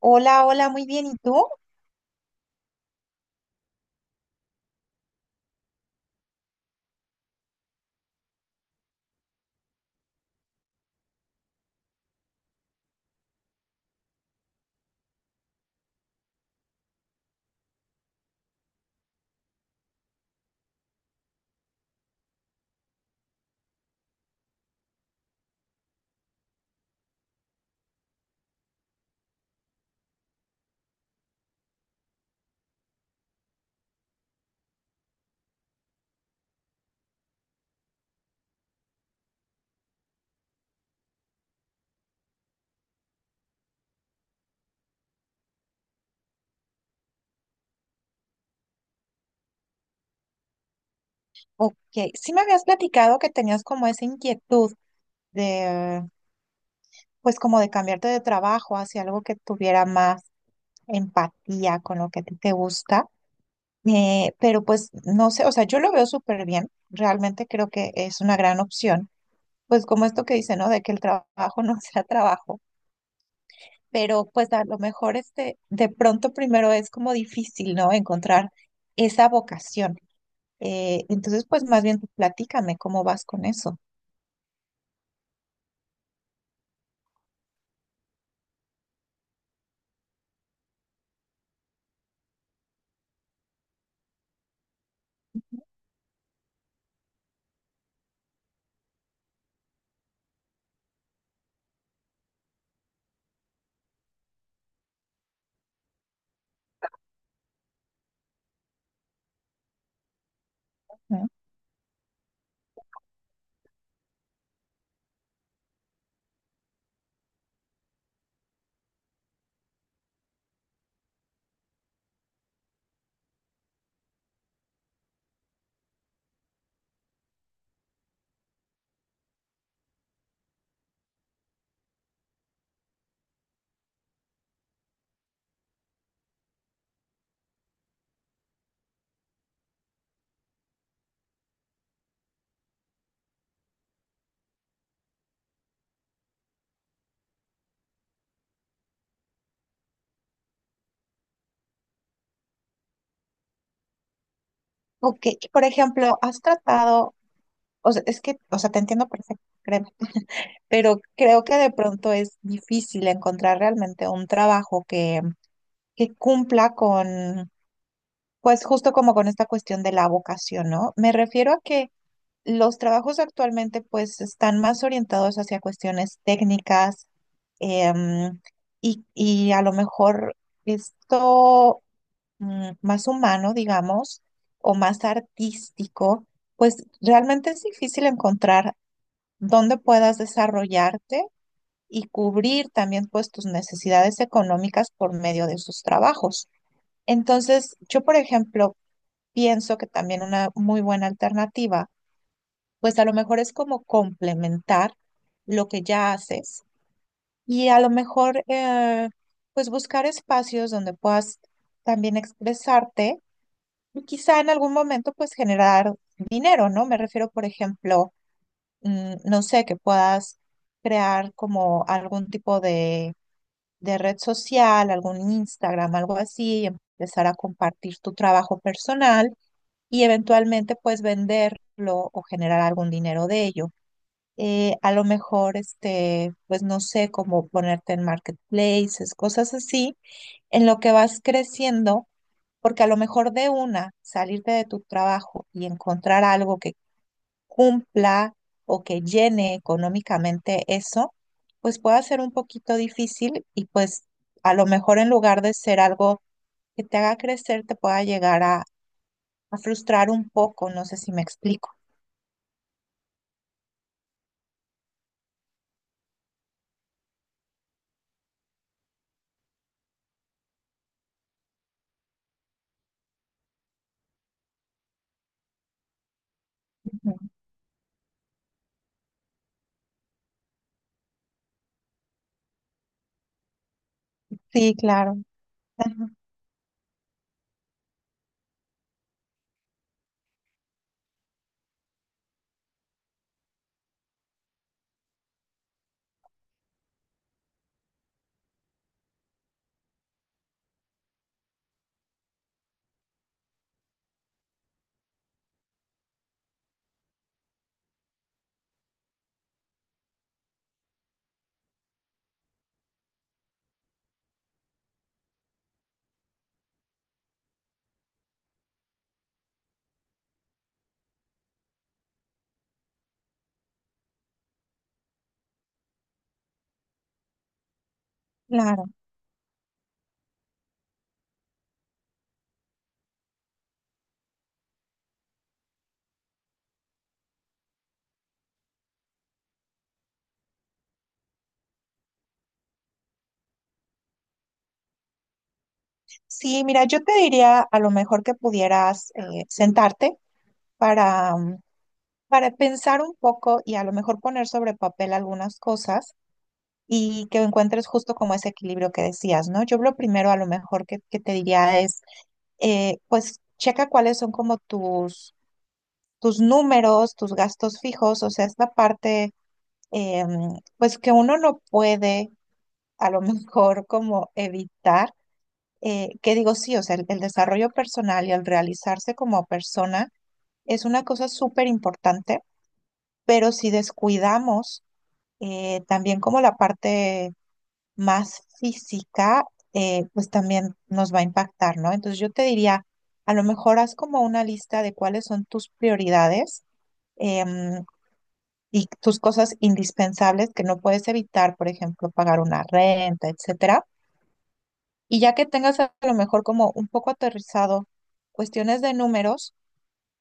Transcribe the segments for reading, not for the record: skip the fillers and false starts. Hola, hola, muy bien. ¿Y tú? Ok, sí me habías platicado que tenías como esa inquietud de, pues como de cambiarte de trabajo hacia algo que tuviera más empatía con lo que a ti te gusta. Pero pues no sé, o sea, yo lo veo súper bien. Realmente creo que es una gran opción. Pues como esto que dice, ¿no? De que el trabajo no sea trabajo. Pero pues a lo mejor este, de pronto primero es como difícil, ¿no? Encontrar esa vocación. Entonces, pues más bien tú platícame cómo vas con eso, ¿no? Ok, y por ejemplo, has tratado, o sea, es que, o sea, te entiendo perfecto, créeme, pero creo que de pronto es difícil encontrar realmente un trabajo que cumpla con, pues justo como con esta cuestión de la vocación, ¿no? Me refiero a que los trabajos actualmente pues están más orientados hacia cuestiones técnicas, em, y a lo mejor esto más humano, digamos, o más artístico, pues realmente es difícil encontrar dónde puedas desarrollarte y cubrir también pues tus necesidades económicas por medio de sus trabajos. Entonces, yo, por ejemplo, pienso que también una muy buena alternativa, pues a lo mejor es como complementar lo que ya haces y a lo mejor pues buscar espacios donde puedas también expresarte y quizá en algún momento pues generar dinero, ¿no? Me refiero, por ejemplo, no sé, que puedas crear como algún tipo de red social, algún Instagram, algo así, y empezar a compartir tu trabajo personal y eventualmente pues venderlo o generar algún dinero de ello. A lo mejor, este, pues no sé, como ponerte en marketplaces, cosas así, en lo que vas creciendo porque a lo mejor de una, salirte de tu trabajo y encontrar algo que cumpla o que llene económicamente eso, pues puede ser un poquito difícil y pues a lo mejor en lugar de ser algo que te haga crecer, te pueda llegar a frustrar un poco, no sé si me explico. Ujú. Sí, claro. Ajá, claro. Sí, mira, yo te diría a lo mejor que pudieras sentarte para para pensar un poco y a lo mejor poner sobre papel algunas cosas y que encuentres justo como ese equilibrio que decías, ¿no? Yo lo primero a lo mejor que te diría es, pues checa cuáles son como tus números, tus gastos fijos, o sea, esta parte, eh, pues que uno no puede a lo mejor como evitar, que digo, sí, o sea, el desarrollo personal y el realizarse como persona es una cosa súper importante pero si descuidamos también como la parte más física, pues también nos va a impactar, ¿no? Entonces yo te diría, a lo mejor haz como una lista de cuáles son tus prioridades, em, y tus cosas indispensables que no puedes evitar, por ejemplo, pagar una renta, etcétera. Y ya que tengas a lo mejor como un poco aterrizado cuestiones de números,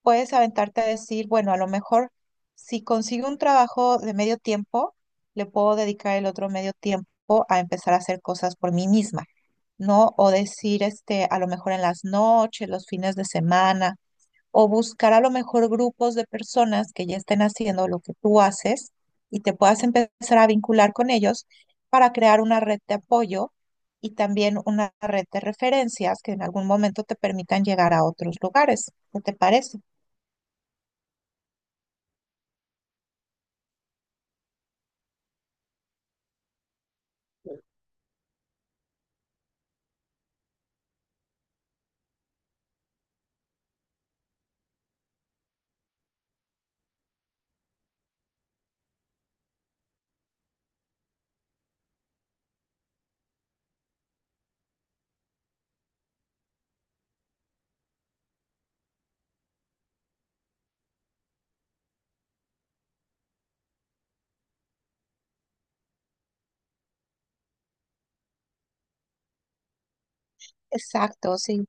puedes aventarte a decir, bueno, a lo mejor si consigo un trabajo de medio tiempo, le puedo dedicar el otro medio tiempo a empezar a hacer cosas por mí misma, ¿no? O decir, este, a lo mejor en las noches, los fines de semana, o buscar a lo mejor grupos de personas que ya estén haciendo lo que tú haces y te puedas empezar a vincular con ellos para crear una red de apoyo y también una red de referencias que en algún momento te permitan llegar a otros lugares. ¿Qué te parece? Exacto, sí.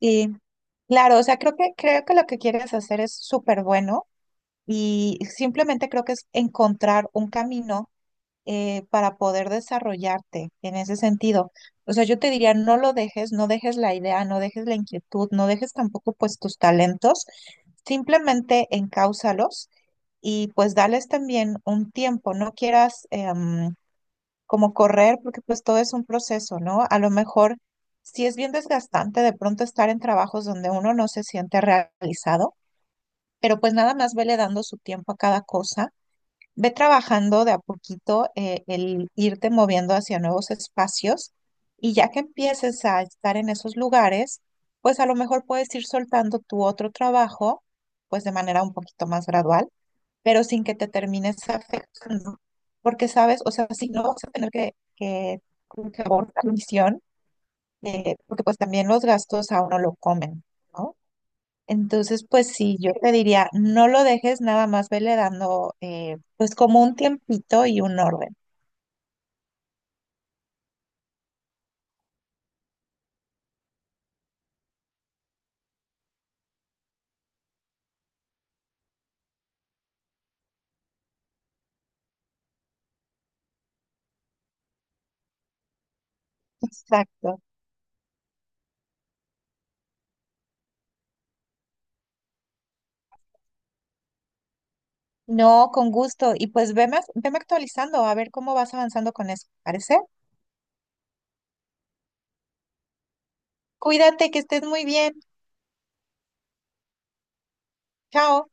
Y claro, o sea, creo que lo que quieres hacer es súper bueno y simplemente creo que es encontrar un camino para poder desarrollarte en ese sentido. O sea, yo te diría, no lo dejes, no dejes la idea, no dejes la inquietud, no dejes tampoco pues tus talentos, simplemente encáusalos y pues dales también un tiempo, no quieras... em, como correr, porque pues todo es un proceso, ¿no? A lo mejor sí es bien desgastante de pronto estar en trabajos donde uno no se siente realizado, pero pues nada más vele dando su tiempo a cada cosa, ve trabajando de a poquito el irte moviendo hacia nuevos espacios y ya que empieces a estar en esos lugares, pues a lo mejor puedes ir soltando tu otro trabajo, pues de manera un poquito más gradual pero sin que te termines afectando. Porque, ¿sabes? O sea, si no vas a tener que como que abortar la misión, porque pues también los gastos a uno lo comen, ¿no? Entonces, pues sí, yo te diría, no lo dejes nada más, vele dando, pues como un tiempito y un orden. Exacto. No, con gusto. Y pues veme actualizando a ver cómo vas avanzando con eso. ¿Parece? Cuídate, que estés muy bien. Chao.